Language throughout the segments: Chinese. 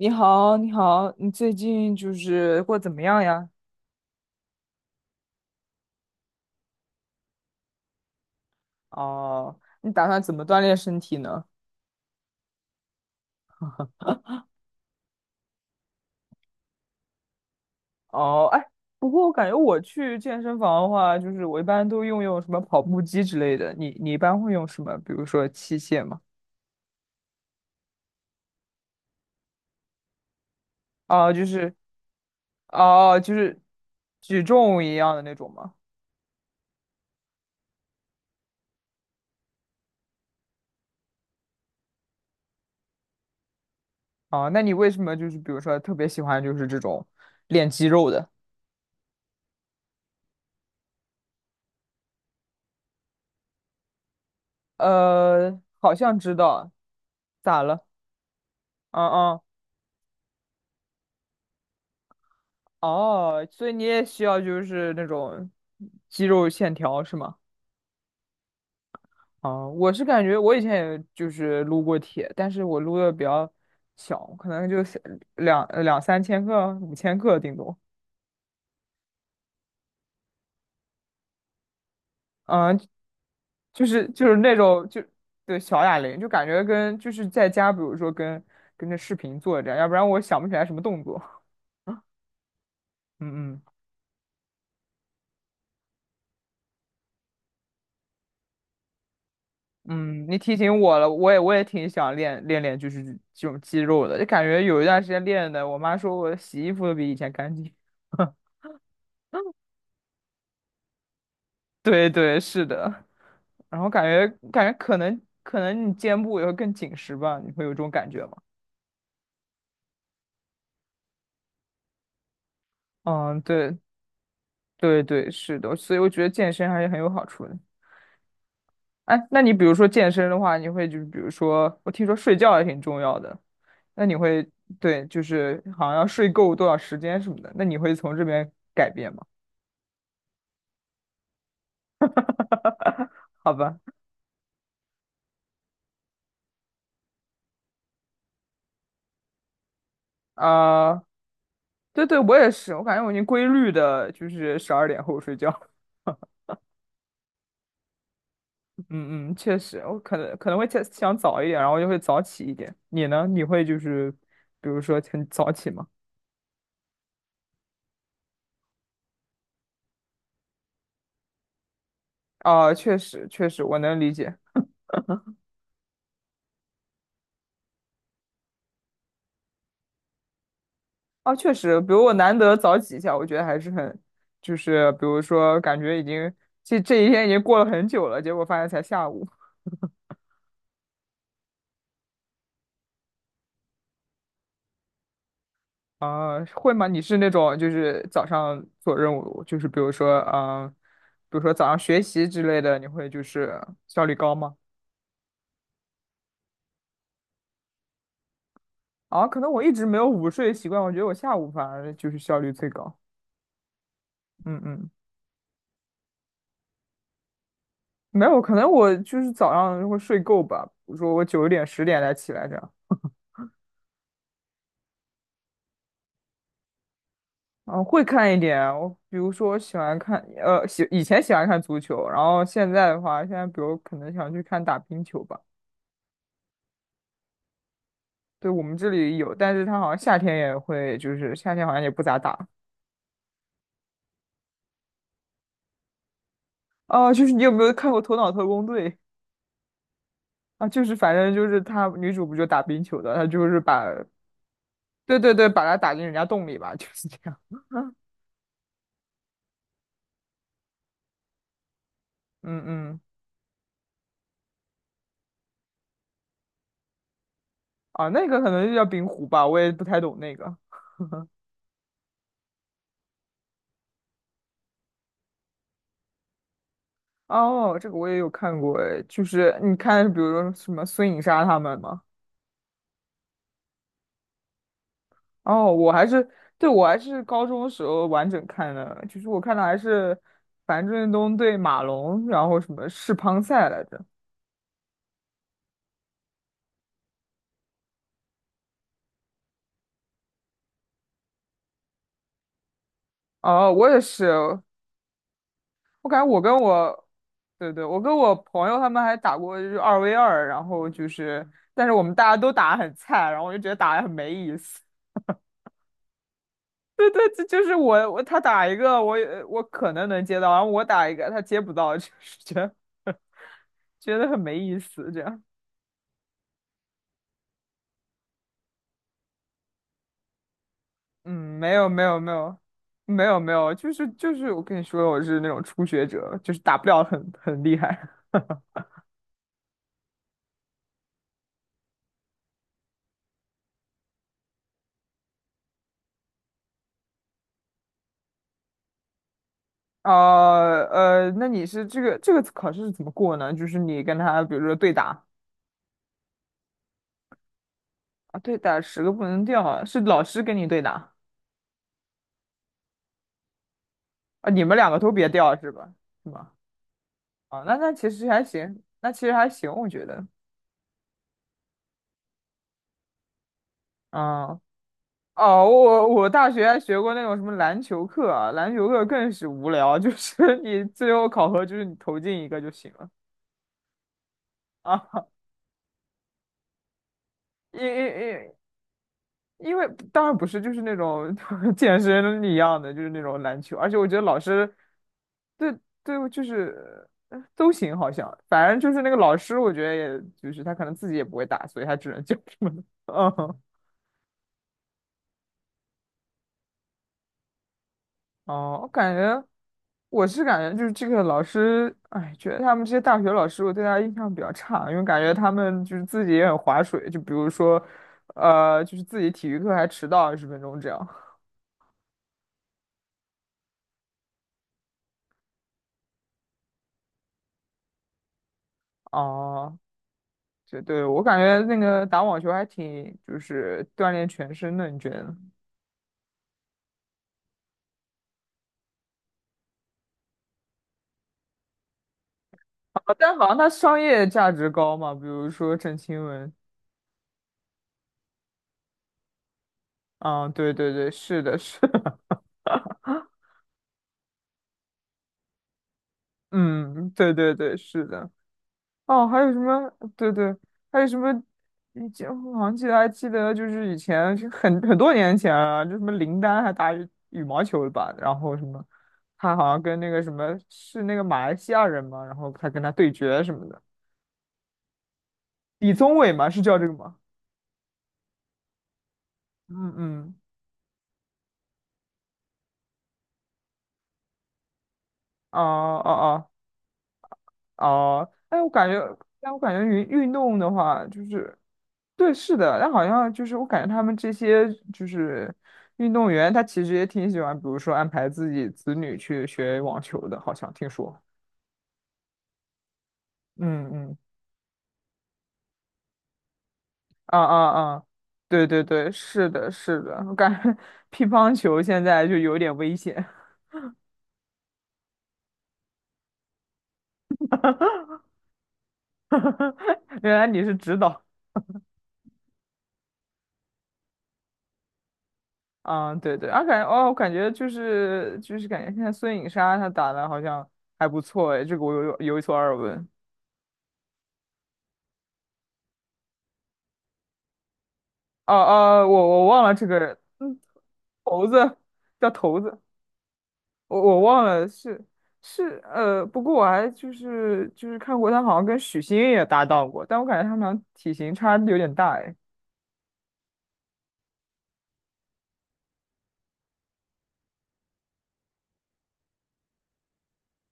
你好，你好，你最近就是过得怎么样呀？哦，你打算怎么锻炼身体呢？哦，哎，不过我感觉我去健身房的话，就是我一般都用什么跑步机之类的。你一般会用什么？比如说器械吗？哦，就是哦，就是举重一样的那种吗？哦，那你为什么就是比如说特别喜欢就是这种练肌肉的？好像知道。咋了？嗯嗯。哦，所以你也需要就是那种肌肉线条是吗？哦，我是感觉我以前也就是撸过铁，但是我撸的比较小，可能就是两两三千克、五千克顶多。嗯，就是那种就对小哑铃，就感觉跟就是在家，比如说跟着视频做这样，要不然我想不起来什么动作。嗯嗯嗯，你提醒我了，我也挺想练练，就是这种肌肉的，就感觉有一段时间练的，我妈说我洗衣服都比以前干净。对对，是的。然后感觉可能你肩部也会更紧实吧，你会有这种感觉吗？嗯，对对对，是的，所以我觉得健身还是很有好处的。哎，那你比如说健身的话，你会就是比如说，我听说睡觉也挺重要的，那你会，对，就是好像要睡够多少时间什么的，那你会从这边改变吗？好吧。啊，对对，我也是，我感觉我已经规律的，就是12点后睡觉。嗯嗯，确实，我可能会想想早一点，然后就会早起一点。你呢？你会就是，比如说很早起吗？啊，确实确实，我能理解。啊，确实，比如我难得早起一下，我觉得还是很，就是比如说感觉已经这一天已经过了很久了，结果发现才下午。啊，会吗？你是那种就是早上做任务，就是比如说早上学习之类的，你会就是效率高吗？啊，可能我一直没有午睡习惯，我觉得我下午反而就是效率最高。嗯嗯，没有，可能我就是早上会睡够吧，比如说我九点十点才起来这样。啊，会看一点啊，我比如说我喜欢看，以前喜欢看足球，然后现在的话，现在比如可能想去看打冰球吧。对，我们这里有，但是他好像夏天也会，就是夏天好像也不咋打。哦，就是你有没有看过《头脑特工队》啊？就是反正就是她女主不就打冰球的，她就是把，对对对，把她打进人家洞里吧，就是这样。嗯嗯。啊，那个可能就叫冰壶吧，我也不太懂那个。哦，这个我也有看过，哎，就是你看，比如说什么孙颖莎他们吗？哦，我还是，对，我还是高中的时候完整看的，就是我看的还是樊振东对马龙，然后什么世乒赛来着。哦，我也是，我感觉我跟我，对对，我跟我朋友他们还打过就是二 v 二，然后就是，但是我们大家都打得很菜，然后我就觉得打得很没意思。对对，这就是我他打一个我可能能接到，然后我打一个他接不到，就是觉得觉得很没意思这样。嗯，没有没有没有没有没有，就是我跟你说，我是那种初学者，就是打不了很厉害。那你是这个考试是怎么过呢？就是你跟他，比如说对打啊，对打十个不能掉啊，是老师跟你对打啊，你们两个都别掉是吧？是吗？啊，那其实还行，那其实还行，我觉得。嗯。哦，我大学还学过那种什么篮球课啊，篮球课更是无聊，就是 你最后考核就是你投进一个就行了。啊，因因因因为当然不是，就是那种 健身一样的，就是那种篮球，而且我觉得老师对对就是都行，好像反正就是那个老师，我觉得也就是他可能自己也不会打，所以他只能教什么的。嗯。哦，我感觉就是这个老师，哎，觉得他们这些大学老师，我对他印象比较差，因为感觉他们就是自己也很划水，就比如说，就是自己体育课还迟到20分钟这样。哦，对对，我感觉那个打网球还挺就是锻炼全身的，你觉得呢？啊，但好像它商业价值高嘛，比如说郑钦文。啊，对对对，是的，是的。 嗯，对对对，是的。哦，还有什么？对对，还有什么？以前我好像记得还记得，就是以前就很多年前啊，就什么林丹还打羽毛球的吧，然后什么，他好像跟那个什么是那个马来西亚人嘛，然后他跟他对决什么的。李宗伟嘛，是叫这个吗？嗯嗯。哦哦哦哦，哎，我感觉，但我感觉运动的话，就是对，是的，但好像就是我感觉他们这些就是运动员，他其实也挺喜欢，比如说安排自己子女去学网球的，好像听说。嗯嗯。啊啊啊，对对对，是的，是的，我感觉 乒乓球现在就有点危险。原来你是指导。啊，对对。啊，感觉哦，我感觉就是感觉现在孙颖莎她打的好像还不错哎，这个我有一所耳闻。哦，哦，我忘了这个人。嗯，头子叫头子，我忘了。是是不过我还就是看过他好像跟许昕也搭档过，但我感觉他们俩体型差的有点大哎。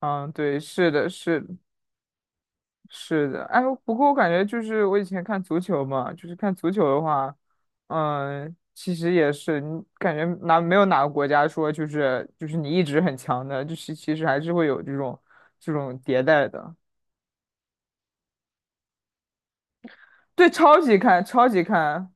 嗯，对，是的，是的是的。哎，不过我感觉就是我以前看足球嘛，就是看足球的话，嗯，其实也是，你感觉哪没有哪个国家说就是你一直很强的，就是其实还是会有这种迭代的。对，超级看，超级看。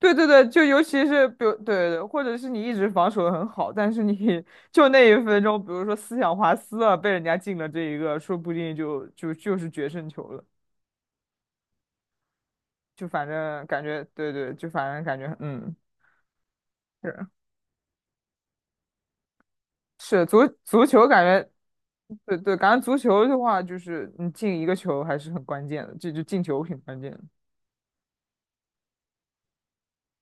对对对，就尤其是比如对对，对或者是你一直防守得很好，但是你 就那一分钟，比如说思想滑丝了，被人家进了这一个，说不定就是决胜球了。就反正感觉，对对，就反正感觉，嗯。是是足足球感觉，对对，感觉足球的话，就是你进一个球还是很关键的，这就进球挺关键的。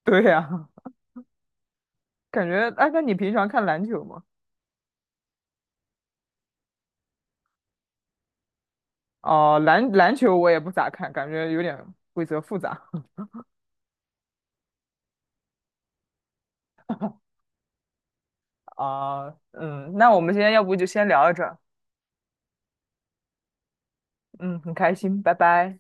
对呀。感觉哎，那你平常看篮球吗？哦，篮球我也不咋看，感觉有点规则复杂。啊。嗯，那我们今天要不就先聊到这儿。嗯，很开心，拜拜。